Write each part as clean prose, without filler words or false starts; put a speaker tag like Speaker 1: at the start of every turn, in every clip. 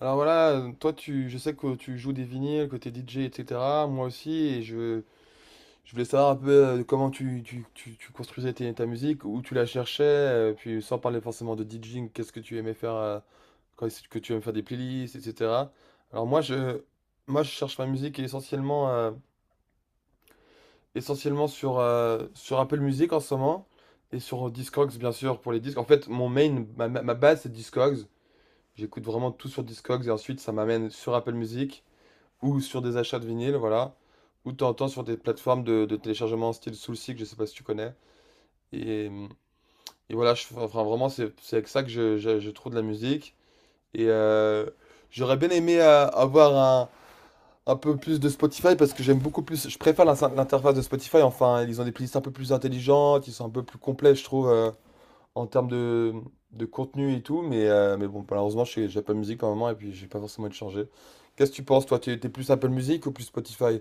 Speaker 1: Alors voilà, je sais que tu joues des vinyles, que t'es DJ, etc. Moi aussi, et je voulais savoir un peu comment tu construisais ta musique, où tu la cherchais, puis sans parler forcément de DJing, qu'est-ce que tu aimais faire, quand est-ce que tu aimais faire des playlists, etc. Alors moi je, moi je cherche ma musique essentiellement, essentiellement sur Apple Music en ce moment, et sur Discogs bien sûr pour les disques. En fait mon main, ma, ma ma base c'est Discogs, j'écoute vraiment tout sur Discogs, et ensuite ça m'amène sur Apple Music, ou sur des achats de vinyle, voilà, ou de temps en temps sur des plateformes de téléchargement style Soulseek, je sais pas si tu connais. Et, et voilà, enfin vraiment, c'est avec ça que je trouve de la musique. Et j'aurais bien aimé avoir un peu plus de Spotify parce que j'aime beaucoup plus, je préfère l'interface de Spotify. Enfin, ils ont des playlists un peu plus intelligentes, ils sont un peu plus complets, je trouve, en termes de contenu et tout. Mais bon, malheureusement, pas musique en moment et puis j'ai pas forcément envie de changer. Qu'est-ce que tu penses, toi? Tu es plus Apple Music ou plus Spotify?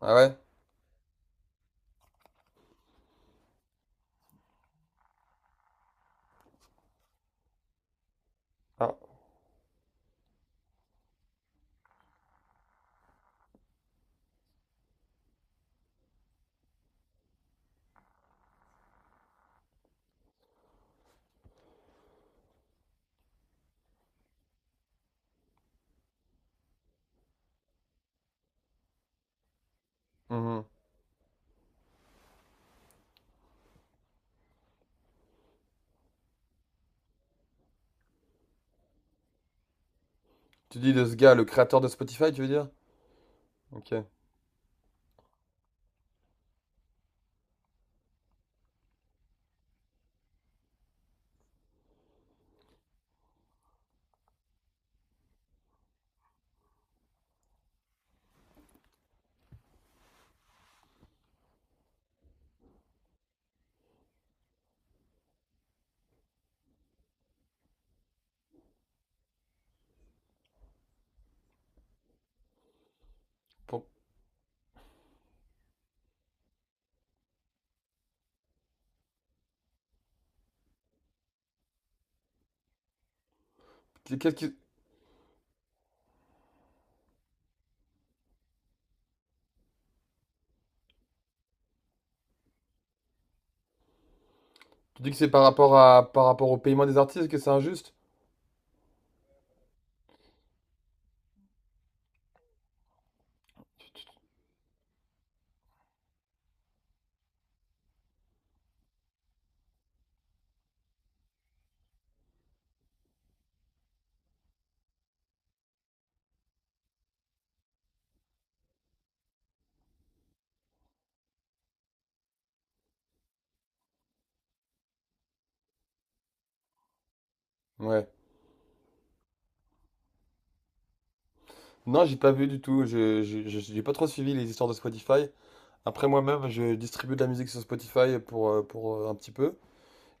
Speaker 1: Ah ouais? Ah, mhm. Tu dis de ce gars, le créateur de Spotify, tu veux dire? Ok. Pour... Qu'est-ce qui- Tu dis que c'est par rapport à par rapport au paiement des artistes que c'est injuste? Ouais. Non, j'ai pas vu du tout. J'ai pas trop suivi les histoires de Spotify. Après moi-même, je distribue de la musique sur Spotify pour, un petit peu.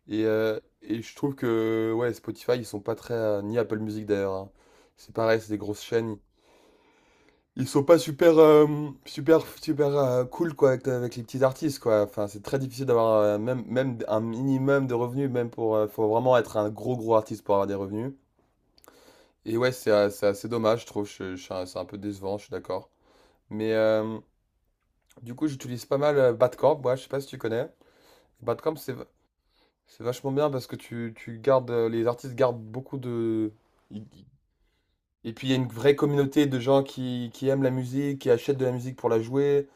Speaker 1: Et je trouve que ouais, Spotify, ils sont pas très, ni Apple Music d'ailleurs, hein. C'est pareil, c'est des grosses chaînes. Ils sont pas super cool quoi avec les petits artistes quoi. Enfin, c'est très difficile d'avoir même un minimum de revenus, même pour, faut vraiment être un gros gros artiste pour avoir des revenus. Et ouais, c'est assez dommage, je trouve. C'est un peu décevant, je suis d'accord. Mais du coup, j'utilise pas mal Badcamp. Moi, je sais pas si tu connais. Badcamp, c'est v- c'est vachement bien parce que tu gardes les artistes gardent beaucoup de, ils. Et puis il y a une vraie communauté de gens qui aiment la musique, qui achètent de la musique pour la jouer.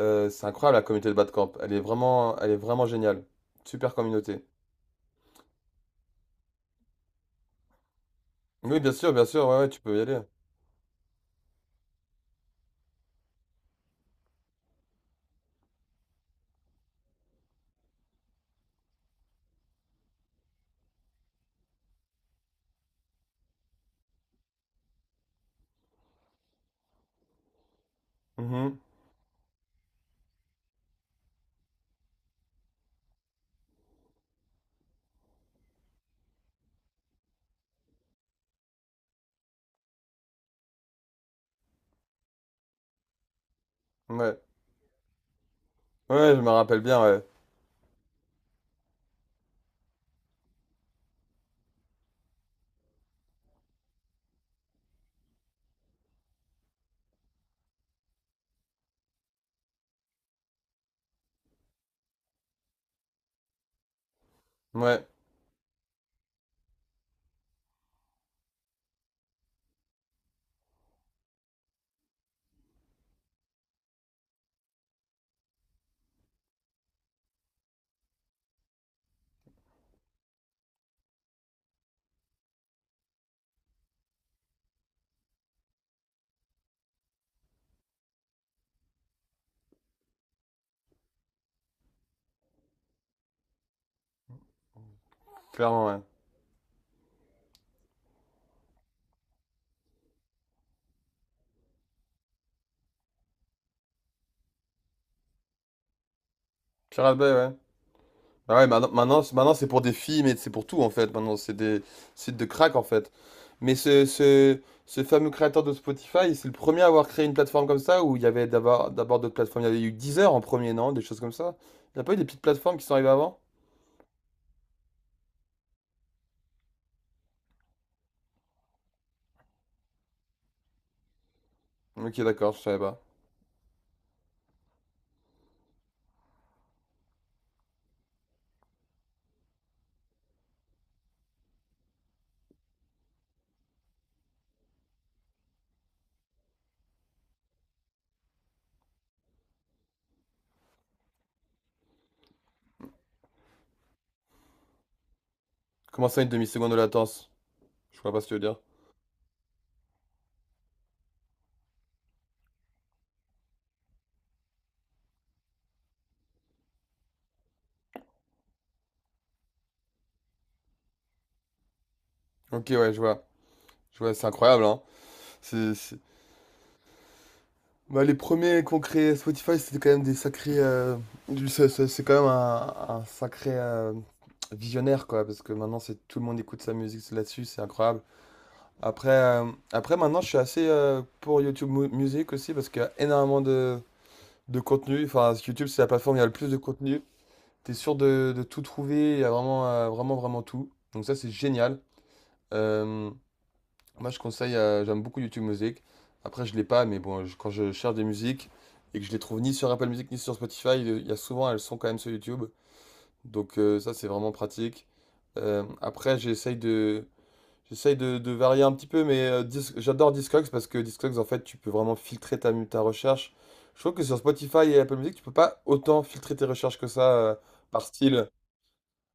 Speaker 1: C'est incroyable la communauté de Badcamp. Elle est vraiment géniale. Super communauté. Oui, bien sûr, ouais, ouais, tu peux y aller. Mhm. Ouais. Ouais, je me rappelle bien, ouais. Ouais, clairement, ouais. Pirate Bay, ouais. Ah ouais, maintenant, c'est pour des films et c'est pour tout en fait. Maintenant, c'est des sites de crack en fait. Mais ce fameux créateur de Spotify, c'est le premier à avoir créé une plateforme comme ça où il y avait d'abord d'autres plateformes. Il y avait eu Deezer en premier, non? Des choses comme ça. Il n'y a pas eu des petites plateformes qui sont arrivées avant? Ok, d'accord, je savais pas. Comment ça, une demi-seconde de latence? Je vois pas ce que tu veux dire. Ok, ouais, je vois. Je vois, c'est incroyable, hein. Bah, les premiers qu'on créé Spotify, c'était quand même des sacrés, c'est c'est quand même un sacré visionnaire, quoi, parce que maintenant, c'est tout le monde écoute sa musique c'est là-dessus, c'est incroyable. Après, euh, après, maintenant, je suis assez pour Music aussi, parce qu'il y a énormément de contenu. Enfin, YouTube, c'est la plateforme où il y a le plus de contenu. T'es sûr de tout trouver, il y a vraiment tout. Donc, ça, c'est génial. Euh, moi, je conseille, j'aime beaucoup YouTube Music. Après, je l'ai pas, mais bon, quand je cherche des musiques et que je les trouve ni sur Apple Music ni sur Spotify, il y a souvent, elles sont quand même sur YouTube. Donc ça, c'est vraiment pratique. Après, j'essaye de varier un petit peu, mais j'adore Discogs parce que Discogs, en fait, tu peux vraiment filtrer ta recherche. Je trouve que sur Spotify et Apple Music, tu peux pas autant filtrer tes recherches que ça par style.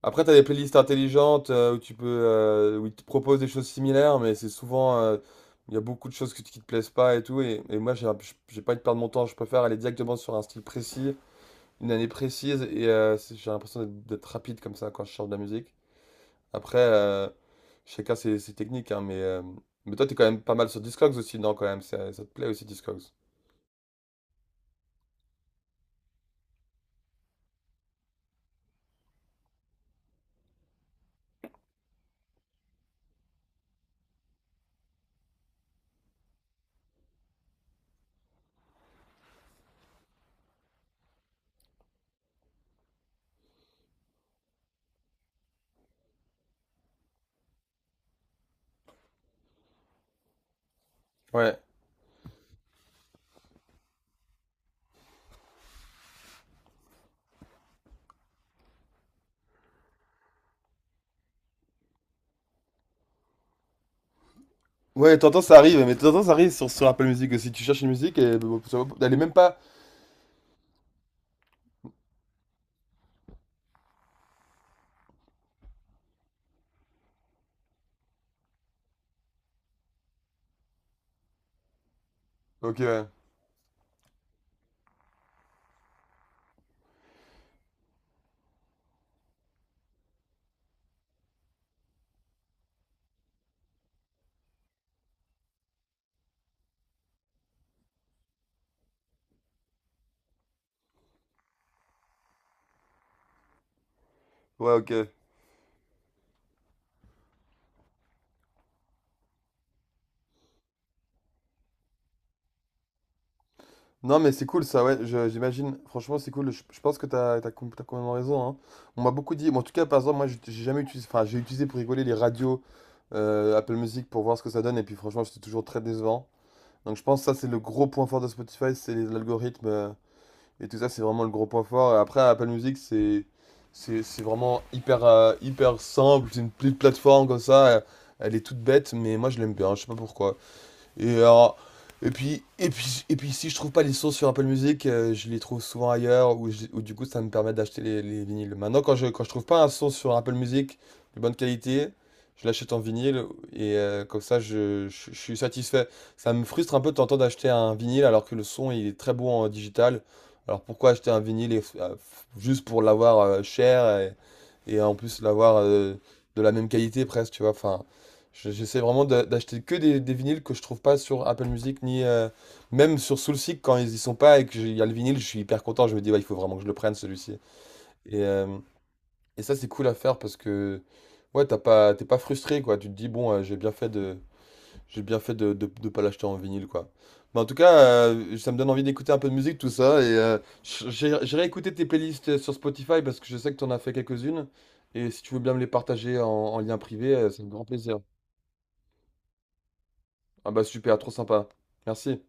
Speaker 1: Après, tu as des playlists intelligentes où tu peux, où ils te proposent des choses similaires, mais c'est souvent, il y a beaucoup de choses qui te plaisent pas et tout. Et moi, j'ai pas envie de perdre mon temps. Je préfère aller directement sur un style précis, une année précise, et j'ai l'impression d'être rapide comme ça quand je cherche de la musique. Après, chacun ses techniques, hein, mais toi, t'es quand même pas mal sur Discogs aussi, non, quand même, ça te plaît aussi Discogs. Ouais. Ouais, t'entends, ça arrive, mais t'entends, ça arrive sur Apple Music aussi. Tu cherches une musique et elle est même pas. Ok, ouais. Ouais, ok. Non, mais c'est cool ça, ouais, j'imagine. Franchement, c'est cool. Je pense que t'as complètement raison, hein. On m'a beaucoup dit. Bon, en tout cas, par exemple, moi, j'ai jamais utilisé. Enfin, j'ai utilisé pour rigoler les radios Apple Music pour voir ce que ça donne. Et puis, franchement, c'était toujours très décevant. Donc, je pense que ça, c'est le gros point fort de Spotify. L'algorithme et tout ça. C'est vraiment le gros point fort. Et après, Apple Music, c'est vraiment hyper, hyper simple. C'est une petite plateforme comme ça, elle est toute bête, mais moi, je l'aime bien. Je sais pas pourquoi. Et, et puis si je trouve pas les sources sur Apple Music, je les trouve souvent ailleurs, ou du coup ça me permet d'acheter les vinyles. Maintenant, quand je trouve pas un son sur Apple Music de bonne qualité, je l'achète en vinyle, et comme ça je suis satisfait. Ça me frustre un peu de tenter d'acheter un vinyle alors que le son il est très bon en digital. Alors pourquoi acheter un vinyle juste pour l'avoir cher et en plus l'avoir de la même qualité presque, tu vois. Enfin, J'essaie vraiment d'acheter que des vinyles que je trouve pas sur Apple Music ni même sur Soulseek quand ils y sont pas et que il y a le vinyle, je suis hyper content. Je me dis ouais, il faut vraiment que je le prenne celui-ci. Et, euh, et ça c'est cool à faire parce que ouais t'es pas frustré quoi. Tu te dis bon j'ai bien fait de pas l'acheter en vinyle quoi. Mais en tout cas ça me donne envie d'écouter un peu de musique tout ça et j'irai écouter tes playlists sur Spotify parce que je sais que t'en as fait quelques-unes et si tu veux bien me les partager en lien privé, c'est un grand plaisir. Ah bah super, trop sympa. Merci.